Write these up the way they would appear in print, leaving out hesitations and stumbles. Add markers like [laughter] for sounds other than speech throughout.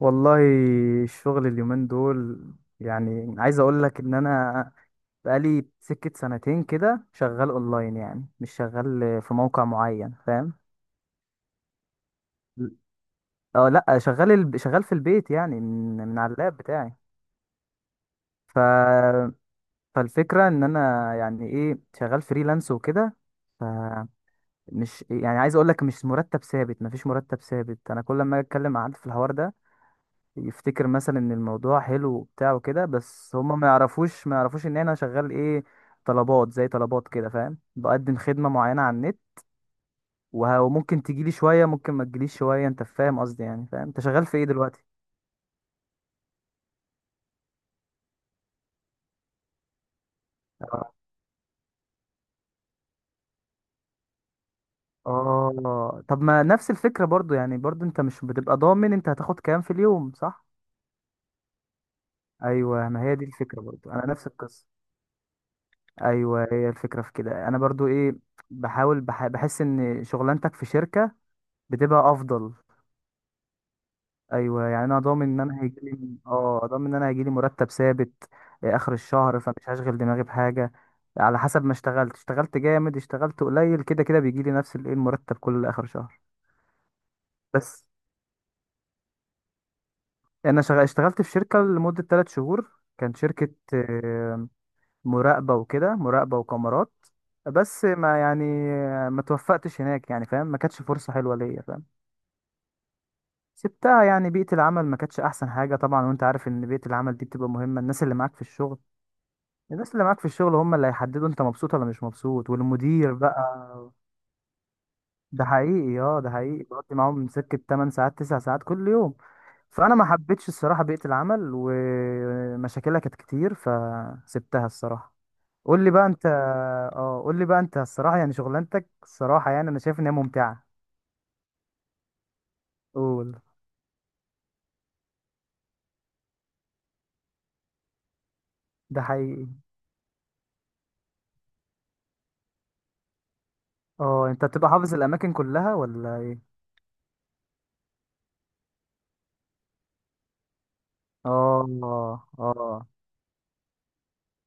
والله، الشغل اليومين دول عايز اقول لك ان انا بقالي سكة سنتين كده شغال اونلاين، يعني مش شغال في موقع معين، فاهم؟ اه لا، شغال في البيت، يعني من على اللاب بتاعي. ف فالفكرة ان انا يعني ايه شغال فريلانس وكده. فمش يعني عايز اقول لك، مش مرتب ثابت، مفيش مرتب ثابت. انا كل ما أجي اتكلم مع حد في الحوار ده يفتكر مثلا ان الموضوع حلو وبتاع وكده، بس هما ما يعرفوش ان انا شغال ايه. طلبات زي طلبات كده، فاهم؟ بقدم خدمة معينة على النت. وه- وممكن تجيلي شوية، ممكن ما تجيليش شوية. انت فاهم قصدي؟ يعني فاهم انت شغال في ايه دلوقتي. اه، آه. طب ما نفس الفكرة برضو. يعني برضو انت مش بتبقى ضامن انت هتاخد كام في اليوم، صح؟ ايوه، ما هي دي الفكرة برضو، انا نفس القصة. ايوه، هي الفكرة في كده. انا برضو ايه، بحس ان شغلانتك في شركة بتبقى افضل. ايوه، يعني انا ضامن ان انا هيجي لي، اه، ضامن ان انا هيجي لي مرتب ثابت آه، اخر الشهر، فمش هشغل دماغي بحاجه. على حسب ما اشتغلت، اشتغلت جامد اشتغلت قليل، كده كده بيجي لي نفس الايه المرتب كل اخر شهر. بس انا اشتغلت في شركه لمده 3 شهور. كان شركه آه، مراقبه وكده، مراقبه وكاميرات. بس ما يعني ما توفقتش هناك، يعني فاهم، ما كانتش فرصه حلوه ليا، فاهم؟ سبتها، يعني بيئة العمل ما كانتش أحسن حاجة طبعا، وأنت عارف إن بيئة العمل دي بتبقى مهمة، الناس اللي معاك في الشغل. الناس اللي معاك في الشغل هم اللي هيحددوا انت مبسوط ولا مش مبسوط، والمدير بقى. ده حقيقي، اه ده حقيقي، بقضي معاهم سكة 8 ساعات 9 ساعات كل يوم. فانا ما حبيتش الصراحة بيئة العمل، ومشاكلها كانت كتير، فسبتها الصراحة. قول لي بقى انت. اه، قول لي بقى انت الصراحة، يعني شغلانتك الصراحة، يعني انا شايف ان هي ممتعة. قول. ده حقيقي. اه، انت بتبقى حافظ الاماكن كلها ولا ايه؟ اه،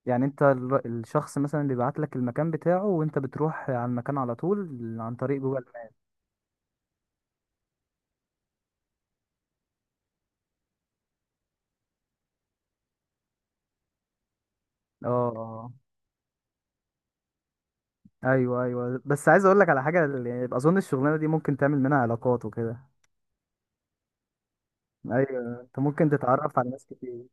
يعني انت الشخص مثلا بيبعت لك المكان بتاعه وانت بتروح على المكان على طول عن طريق جوجل ماب؟ اه اه. ايوه، بس عايز اقول لك على حاجه، يعني اظن الشغلانه دي ممكن تعمل منها علاقات وكده. ايوه، انت ممكن تتعرف على ناس كتير.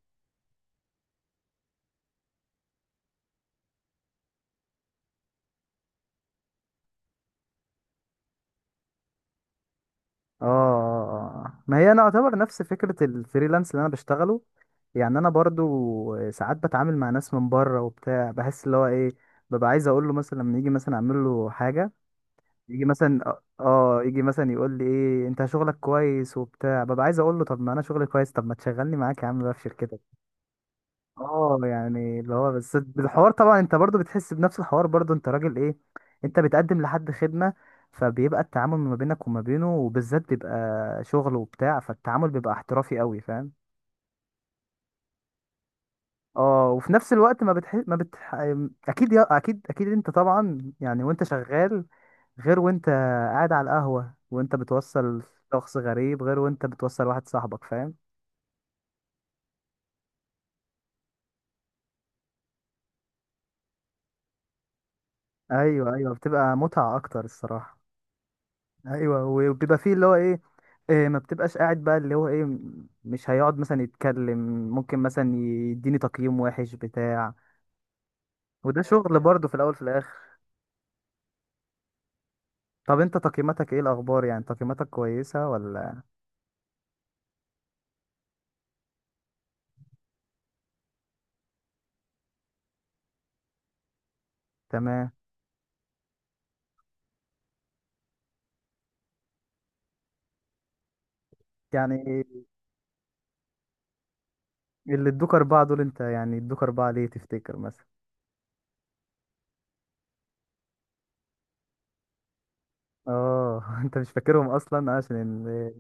اه اه، اه. ما هي انا اعتبر نفس فكره الفريلانس اللي انا بشتغله. يعني انا برضو ساعات بتعامل مع ناس من بره وبتاع، بحس اللي هو ايه، ببقى عايز اقول له مثلا لما يجي مثلا اعمل له حاجه. يجي مثلا اه يجي مثلا يقول لي ايه انت شغلك كويس وبتاع، ببقى عايز اقول له طب ما انا شغلي كويس، طب ما تشغلني معاك يا عم بقى في شركتك. اه، يعني اللي هو بس الحوار طبعا، انت برضو بتحس بنفس الحوار برضو، انت راجل ايه، انت بتقدم لحد خدمة. فبيبقى التعامل ما بينك وما بينه وبالذات بيبقى شغل وبتاع، فالتعامل بيبقى احترافي قوي، فاهم؟ اه، وفي نفس الوقت ما بتح ما بتح اكيد اكيد انت طبعا، يعني وانت شغال غير وانت قاعد على القهوة، وانت بتوصل شخص غريب غير وانت بتوصل واحد صاحبك، فاهم؟ ايوه ايوه، بتبقى متعة اكتر الصراحة. ايوه، وبيبقى فيه اللي هو ايه، إيه ما بتبقاش قاعد بقى اللي هو ايه، مش هيقعد مثلا يتكلم، ممكن مثلا يديني تقييم وحش بتاع وده شغل برضه في الاول في الاخر. طب انت تقييماتك ايه الاخبار، يعني تقييماتك كويسة ولا؟ تمام. يعني اللي ادوك أربعة دول، أنت يعني ادوك أربعة ليه تفتكر مثلا؟ اه [laughs] أنت مش فاكرهم أصلا آه،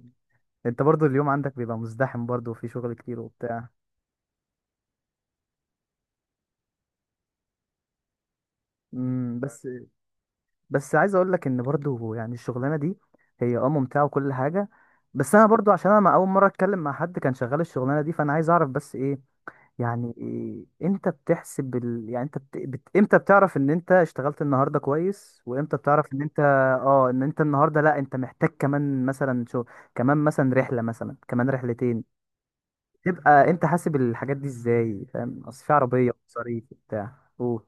أنت برضو اليوم عندك بيبقى مزدحم برضو وفي شغل كتير وبتاع. امم، بس. بس عايز أقول لك إن برضو، يعني الشغلانة دي هي اه ممتعة وكل حاجة، بس أنا برضو عشان أنا ما أول مرة أتكلم مع حد كان شغال الشغلانة دي، فأنا عايز أعرف بس إيه يعني امتى يعني انت امتى بتعرف ان انت اشتغلت النهارده كويس، وامتى بتعرف ان انت اه ان انت النهارده لا انت محتاج كمان مثلا كمان مثلا رحله، مثلا كمان رحلتين. تبقى انت حاسب الحاجات دي ازاي، فاهم؟ اصل في عربيه ومصاريف بتاع اوه،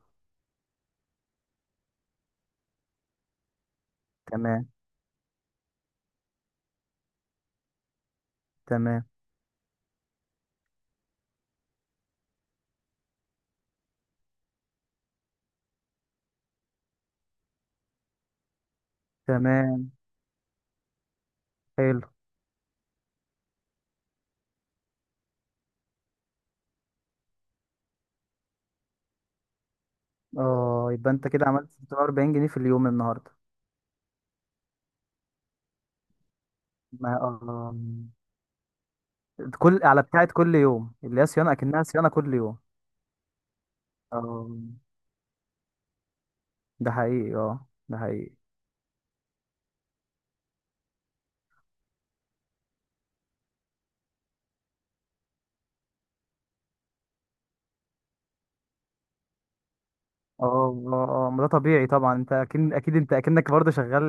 تمام تمام تمام، حلو. اه، يبقى انت كده عملت 46 جنيه في اليوم النهارده. ما اه، كل على بتاعت كل يوم اللي هي صيانه، اكنها صيانه كل يوم. اه، ده حقيقي، اه ده حقيقي. اه اه، اه ما ده طبيعي طبعا، انت اكيد انت اكنك برضه شغال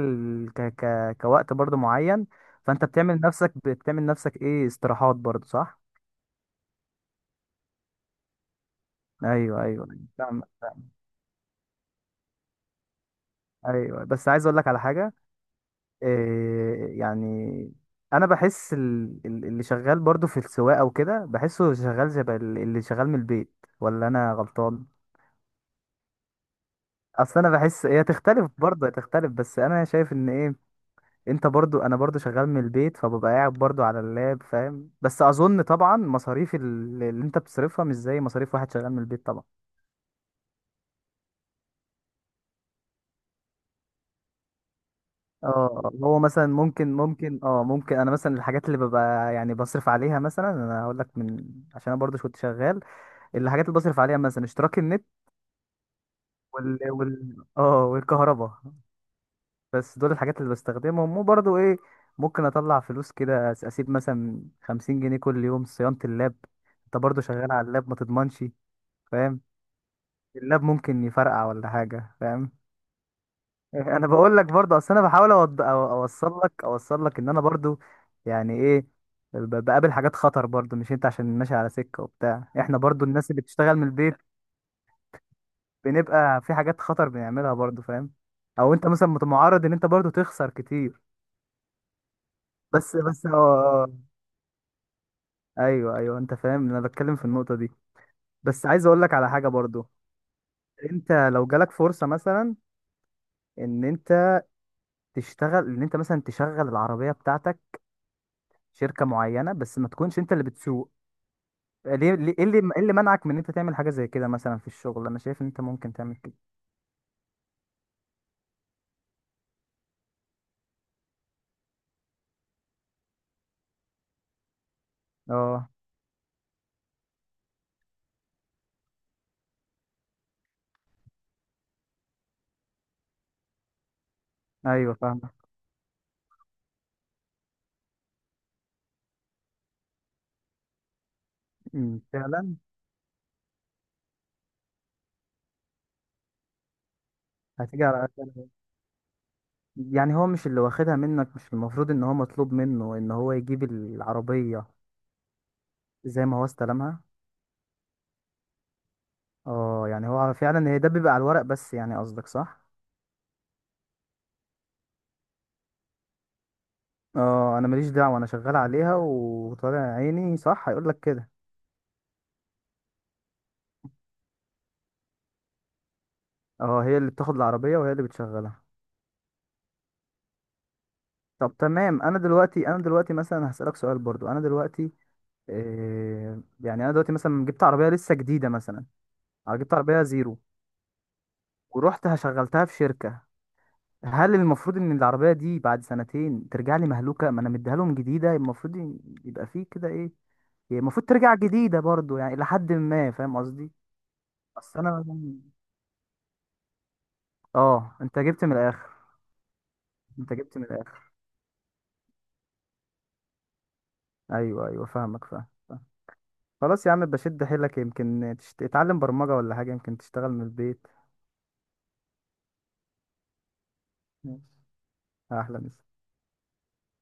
ك ك كوقت برضه معين. فانت بتعمل نفسك ايه، استراحات برضه، صح؟ ايوه ايوه، فاهم فاهم. ايوه، بس عايز اقول لك على حاجه. إيه يعني، انا بحس اللي شغال برضه في السواقه وكده بحسه شغال شبه اللي شغال من البيت، ولا انا غلطان؟ اصل انا بحس هي تختلف برضه، تختلف، بس انا شايف ان ايه، انت برضو، انا برضو شغال من البيت فببقى قاعد برضو على اللاب، فاهم؟ بس اظن طبعا مصاريف اللي انت بتصرفها مش زي مصاريف واحد شغال من البيت طبعا. اه، هو مثلا ممكن، انا مثلا الحاجات اللي ببقى يعني بصرف عليها، مثلا انا هقول لك من، عشان انا برضو كنت شغال. الحاجات اللي بصرف عليها مثلا اشتراك النت، وال وال اه والكهرباء. بس دول الحاجات اللي بستخدمهم، وبرضو ايه، ممكن اطلع فلوس كده اسيب مثلا 50 جنيه كل يوم صيانة اللاب. انت برضو شغال على اللاب، ما تضمنش، فاهم؟ اللاب ممكن يفرقع ولا حاجه، فاهم؟ [laughs] انا بقول لك برضه، اصل انا بحاول اوصل لك، اوصل لك ان انا برضه يعني ايه، بقابل حاجات خطر برضه. مش انت عشان ماشي على سكه وبتاع، احنا برضه الناس اللي بتشتغل من البيت بنبقى في حاجات خطر بنعملها برضه، فاهم؟ او انت مثلا معرض ان انت برضه تخسر كتير. بس بس اه آه. ايوه ايوه، انت فاهم انا بتكلم في النقطه دي. بس عايز اقول لك على حاجه برضه. انت لو جالك فرصه مثلا ان انت تشتغل، ان انت مثلا تشغل العربيه بتاعتك شركة معينة، بس ما تكونش انت اللي بتسوق. ايه اللي، ايه اللي منعك من ان انت تعمل حاجة زي كده مثلا في الشغل؟ انا شايف ان انت ممكن تعمل كده. اه، ايوه فاهمك. أمم، فعلا. هتيجي على أكل. يعني هو مش اللي واخدها منك مش المفروض ان هو مطلوب منه ان هو يجيب العربية زي ما هو استلمها؟ اه يعني هو فعلا هي ده بيبقى على الورق بس، يعني قصدك صح. اه انا ماليش دعوة، انا شغال عليها وطالع عيني، صح؟ هيقول لك كده. اه، هي اللي بتاخد العربية وهي اللي بتشغلها. طب تمام، انا دلوقتي، انا دلوقتي مثلا هسألك سؤال برضو، انا دلوقتي إيه يعني، انا دلوقتي مثلا جبت عربية لسه جديدة مثلا، أو جبت عربية زيرو، ورحت هشغلتها في شركة. هل المفروض ان العربية دي بعد سنتين ترجع لي مهلوكة؟ ما انا مديها لهم جديدة، المفروض يبقى فيه كده ايه، هي المفروض ترجع جديدة برضو يعني لحد ما، فاهم قصدي؟ بس انا مثلا اه، انت جبت من الاخر، انت جبت من الاخر. ايوه ايوه، فاهمك، فاهم فاهم. خلاص يا عم، بشد حيلك، يمكن تتعلم برمجة ولا حاجة، يمكن تشتغل من البيت. مم. احلى مسا